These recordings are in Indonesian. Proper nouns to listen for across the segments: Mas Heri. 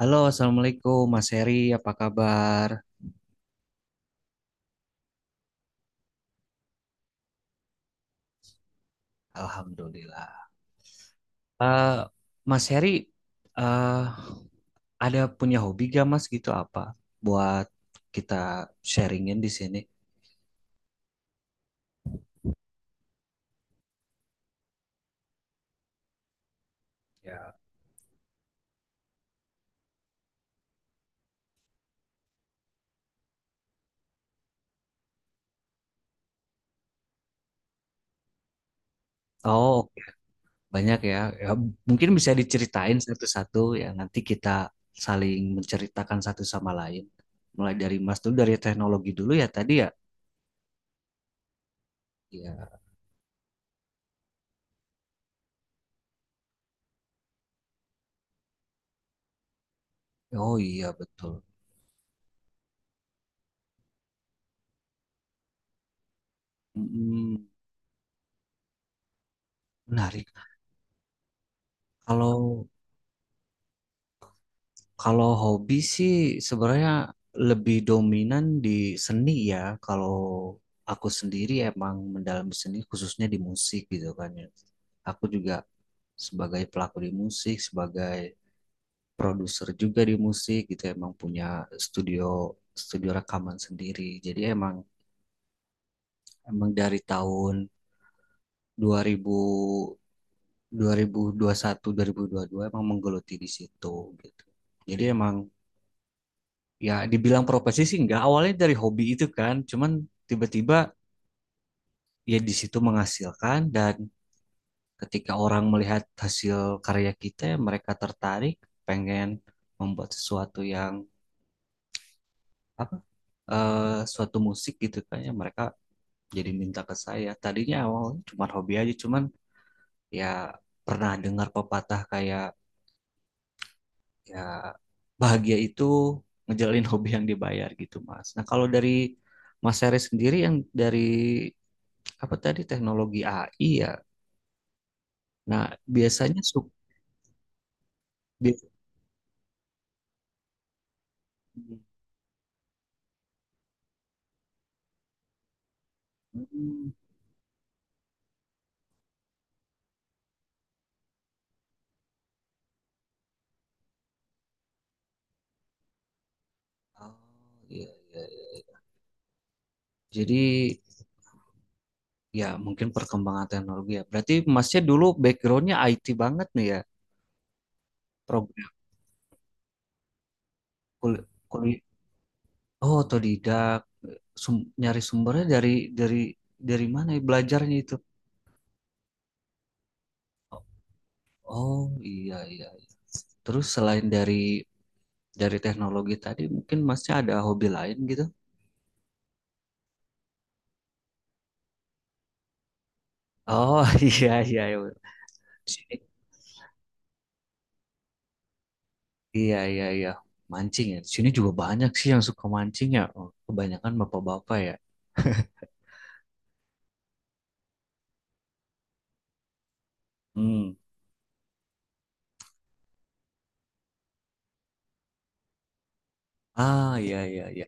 Halo, Assalamualaikum Mas Heri, apa kabar? Alhamdulillah. Eh, Mas Heri, eh, ada punya hobi gak Mas gitu apa? Buat kita sharingin di sini. Ya. Oh, oke. Banyak ya. Ya, mungkin bisa diceritain satu-satu ya. Nanti kita saling menceritakan satu sama lain. Mulai dari Mas dulu, dari teknologi dulu ya tadi ya. Ya. Oh iya betul. Mm, menarik. Kalau Kalau hobi sih sebenarnya lebih dominan di seni ya. Kalau aku sendiri emang mendalami seni khususnya di musik gitu kan ya. Aku juga sebagai pelaku di musik, sebagai produser juga di musik gitu emang punya studio studio rekaman sendiri. Jadi emang emang dari tahun 2000 2021 dua ribu dua puluh satu 2022 emang menggeluti di situ gitu. Jadi emang ya dibilang profesi sih enggak, awalnya dari hobi itu kan, cuman tiba-tiba ya di situ menghasilkan dan ketika orang melihat hasil karya kita ya mereka tertarik pengen membuat sesuatu yang apa eh suatu musik gitu kan ya mereka jadi minta ke saya, tadinya awalnya cuma hobi aja, cuman ya pernah dengar pepatah kayak ya bahagia itu ngejalin hobi yang dibayar gitu Mas. Nah kalau dari Mas Seri sendiri yang dari apa tadi teknologi AI ya. Nah, biasanya biasanya- Hmm. Oh, iya, iya, iya. Jadi ya mungkin perkembangan teknologi ya. Berarti Masnya dulu backgroundnya IT banget nih ya. Program kuliah. Oh, otodidak. Nyari sumbernya dari dari dari mana ya belajarnya itu? Oh, iya, iya, iya. Terus selain dari teknologi tadi, mungkin Masnya ada hobi lain gitu? Oh, iya, iya, iya. Iya, iya, iya. Mancing ya. Di sini juga banyak sih yang suka mancing ya. Oh, kebanyakan bapak-bapak ya. Hmm. Ah, iya, iya, iya.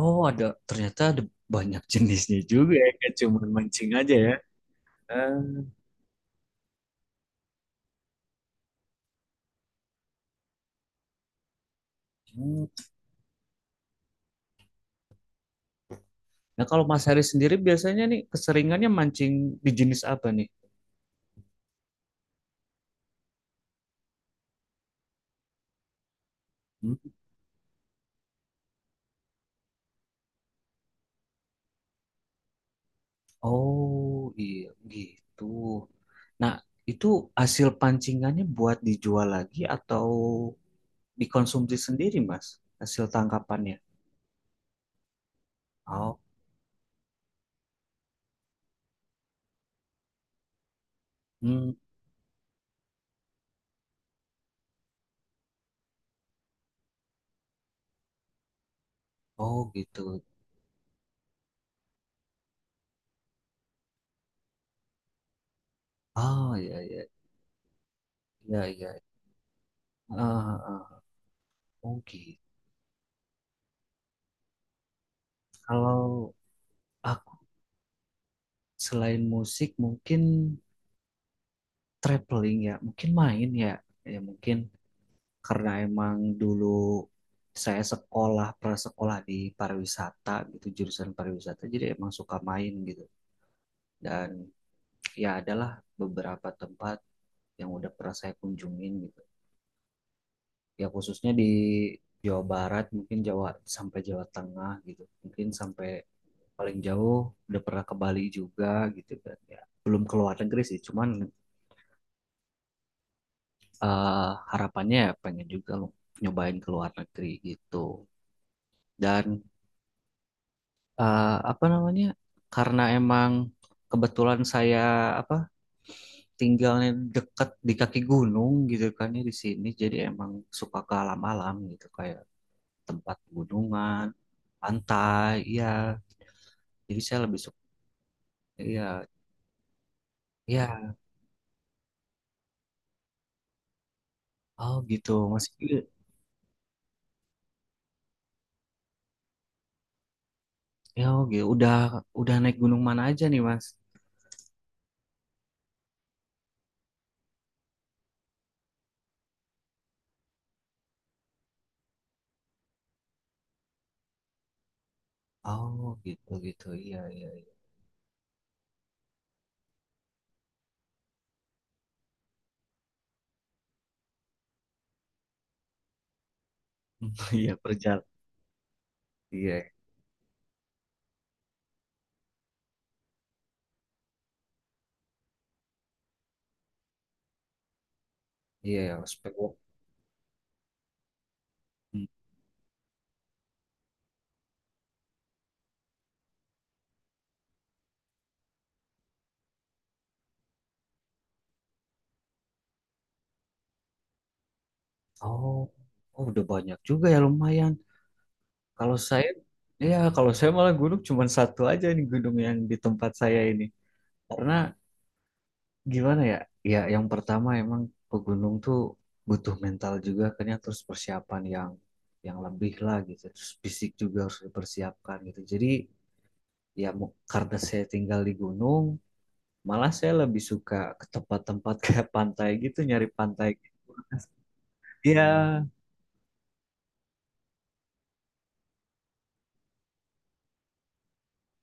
Oh, ada ternyata ada banyak jenisnya juga ya. Nggak cuma mancing aja ya. Ah. Hmm. Nah, kalau Mas Haris sendiri biasanya nih keseringannya mancing di jenis apa nih? Hmm. Oh, iya gitu. Nah, itu hasil pancingannya buat dijual lagi atau dikonsumsi sendiri, Mas? Hasil tangkapannya. Oh. Oh gitu. Oh ya, ya, ya, ya. Ah, ah. Oh gitu. Kalau aku selain musik mungkin traveling ya, mungkin main ya. Ya mungkin karena emang dulu saya sekolah prasekolah di pariwisata gitu, jurusan pariwisata, jadi emang suka main gitu. Dan ya adalah beberapa tempat yang udah pernah saya kunjungin gitu. Ya khususnya di Jawa Barat mungkin Jawa sampai Jawa Tengah gitu. Mungkin sampai paling jauh udah pernah ke Bali juga gitu kan ya, belum ke luar negeri sih cuman harapannya ya pengen juga lo nyobain ke luar negeri gitu dan apa namanya, karena emang kebetulan saya apa tinggalnya dekat di kaki gunung gitu kan ya di sini, jadi emang suka ke alam-alam gitu, kayak tempat gunungan, pantai ya, jadi saya lebih suka. Ya, ya. Oh gitu, masih. Ya, oh, gitu. Udah naik gunung mana aja nih, Mas? Oh, gitu, gitu. Iya, iya, iya. Iya, perjalanan. Iya, iya, ya, spek walk. Hmm. Oh, oh, udah banyak juga ya lumayan. Kalau saya Iya, kalau saya malah gunung cuma satu aja nih, gunung yang di tempat saya ini. Karena gimana ya? Ya, yang pertama emang pegunung tuh butuh mental juga kan ya, terus persiapan yang lebih lah gitu. Terus fisik juga harus dipersiapkan gitu. Jadi ya karena saya tinggal di gunung, malah saya lebih suka ke tempat-tempat kayak pantai gitu, nyari pantai. Iya,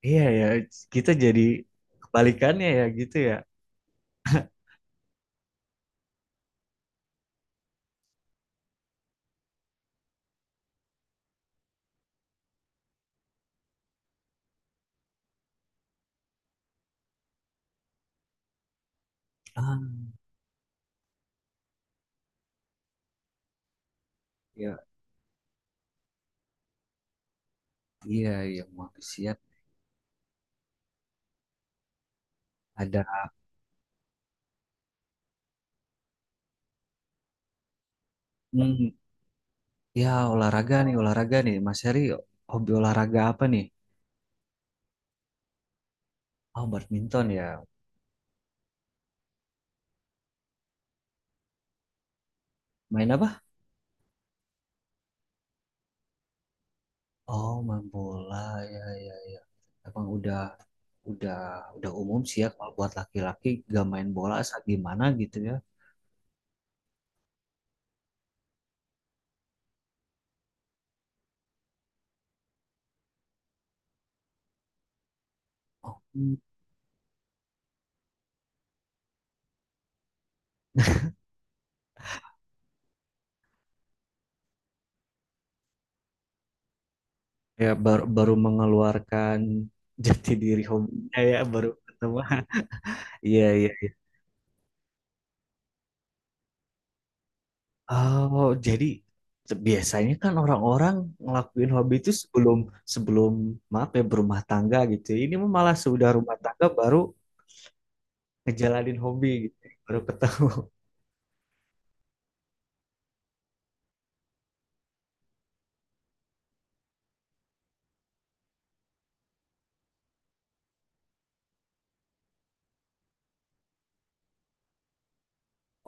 iya ya, kita jadi kebalikannya ya gitu ya. Ah, ya, iya, iya, manusia ada. Hmm, ya olahraga nih, olahraga nih. Mas Heri, hobi olahraga apa nih? Oh, badminton ya. Main apa? Oh, main bola, ya, ya, ya. Emang udah, udah umum sih ya kalau buat laki-laki gak main bola, saat gimana gitu ya. Oh, ya baru baru mengeluarkan jati diri hobinya ya, baru ketemu. Iya, iya, iya. Oh jadi biasanya kan orang-orang ngelakuin hobi itu sebelum sebelum maaf ya berumah tangga gitu ya. Ini mah malah sudah rumah tangga baru ngejalanin hobi gitu, baru ketemu.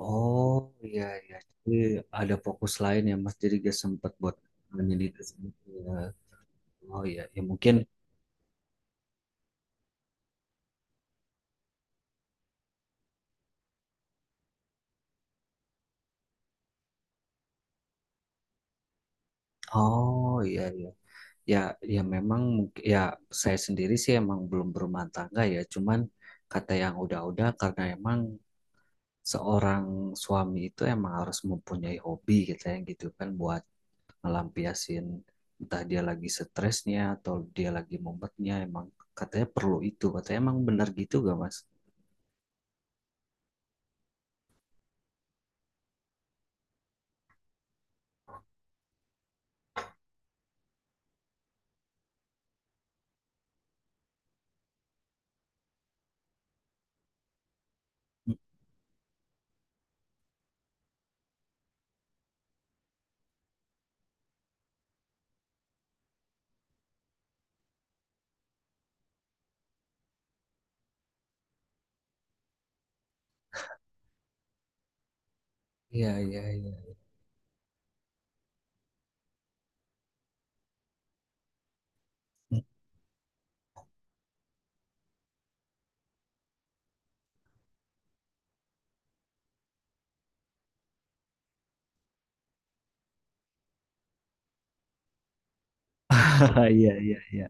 Oh iya, iya, jadi ada fokus lain ya Mas, jadi gak sempat buat menyelidiki ya. Oh iya ya mungkin. Oh iya, iya. Ya, ya memang mungkin ya, saya sendiri sih emang belum berumah tangga ya. Cuman kata yang udah-udah, karena emang seorang suami itu emang harus mempunyai hobi gitu ya gitu kan, buat ngelampiasin entah dia lagi stresnya atau dia lagi mumetnya, emang katanya perlu itu. Katanya emang benar gitu gak Mas? Iya, iya, iya. Iya, iya, iya.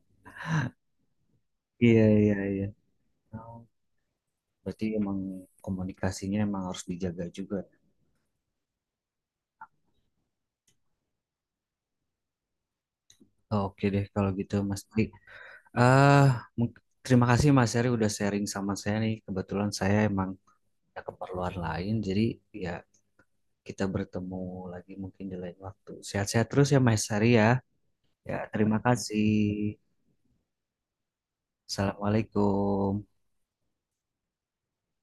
Iya, iya, iya. Oh, berarti emang komunikasinya emang harus dijaga juga. Oke deh kalau gitu Mas. Eh, mung- terima kasih Mas Heri udah sharing sama saya nih. Kebetulan saya emang ada keperluan lain, jadi ya kita bertemu lagi mungkin di lain waktu. Sehat-sehat terus ya Mas Heri ya. Ya, terima kasih. Assalamualaikum.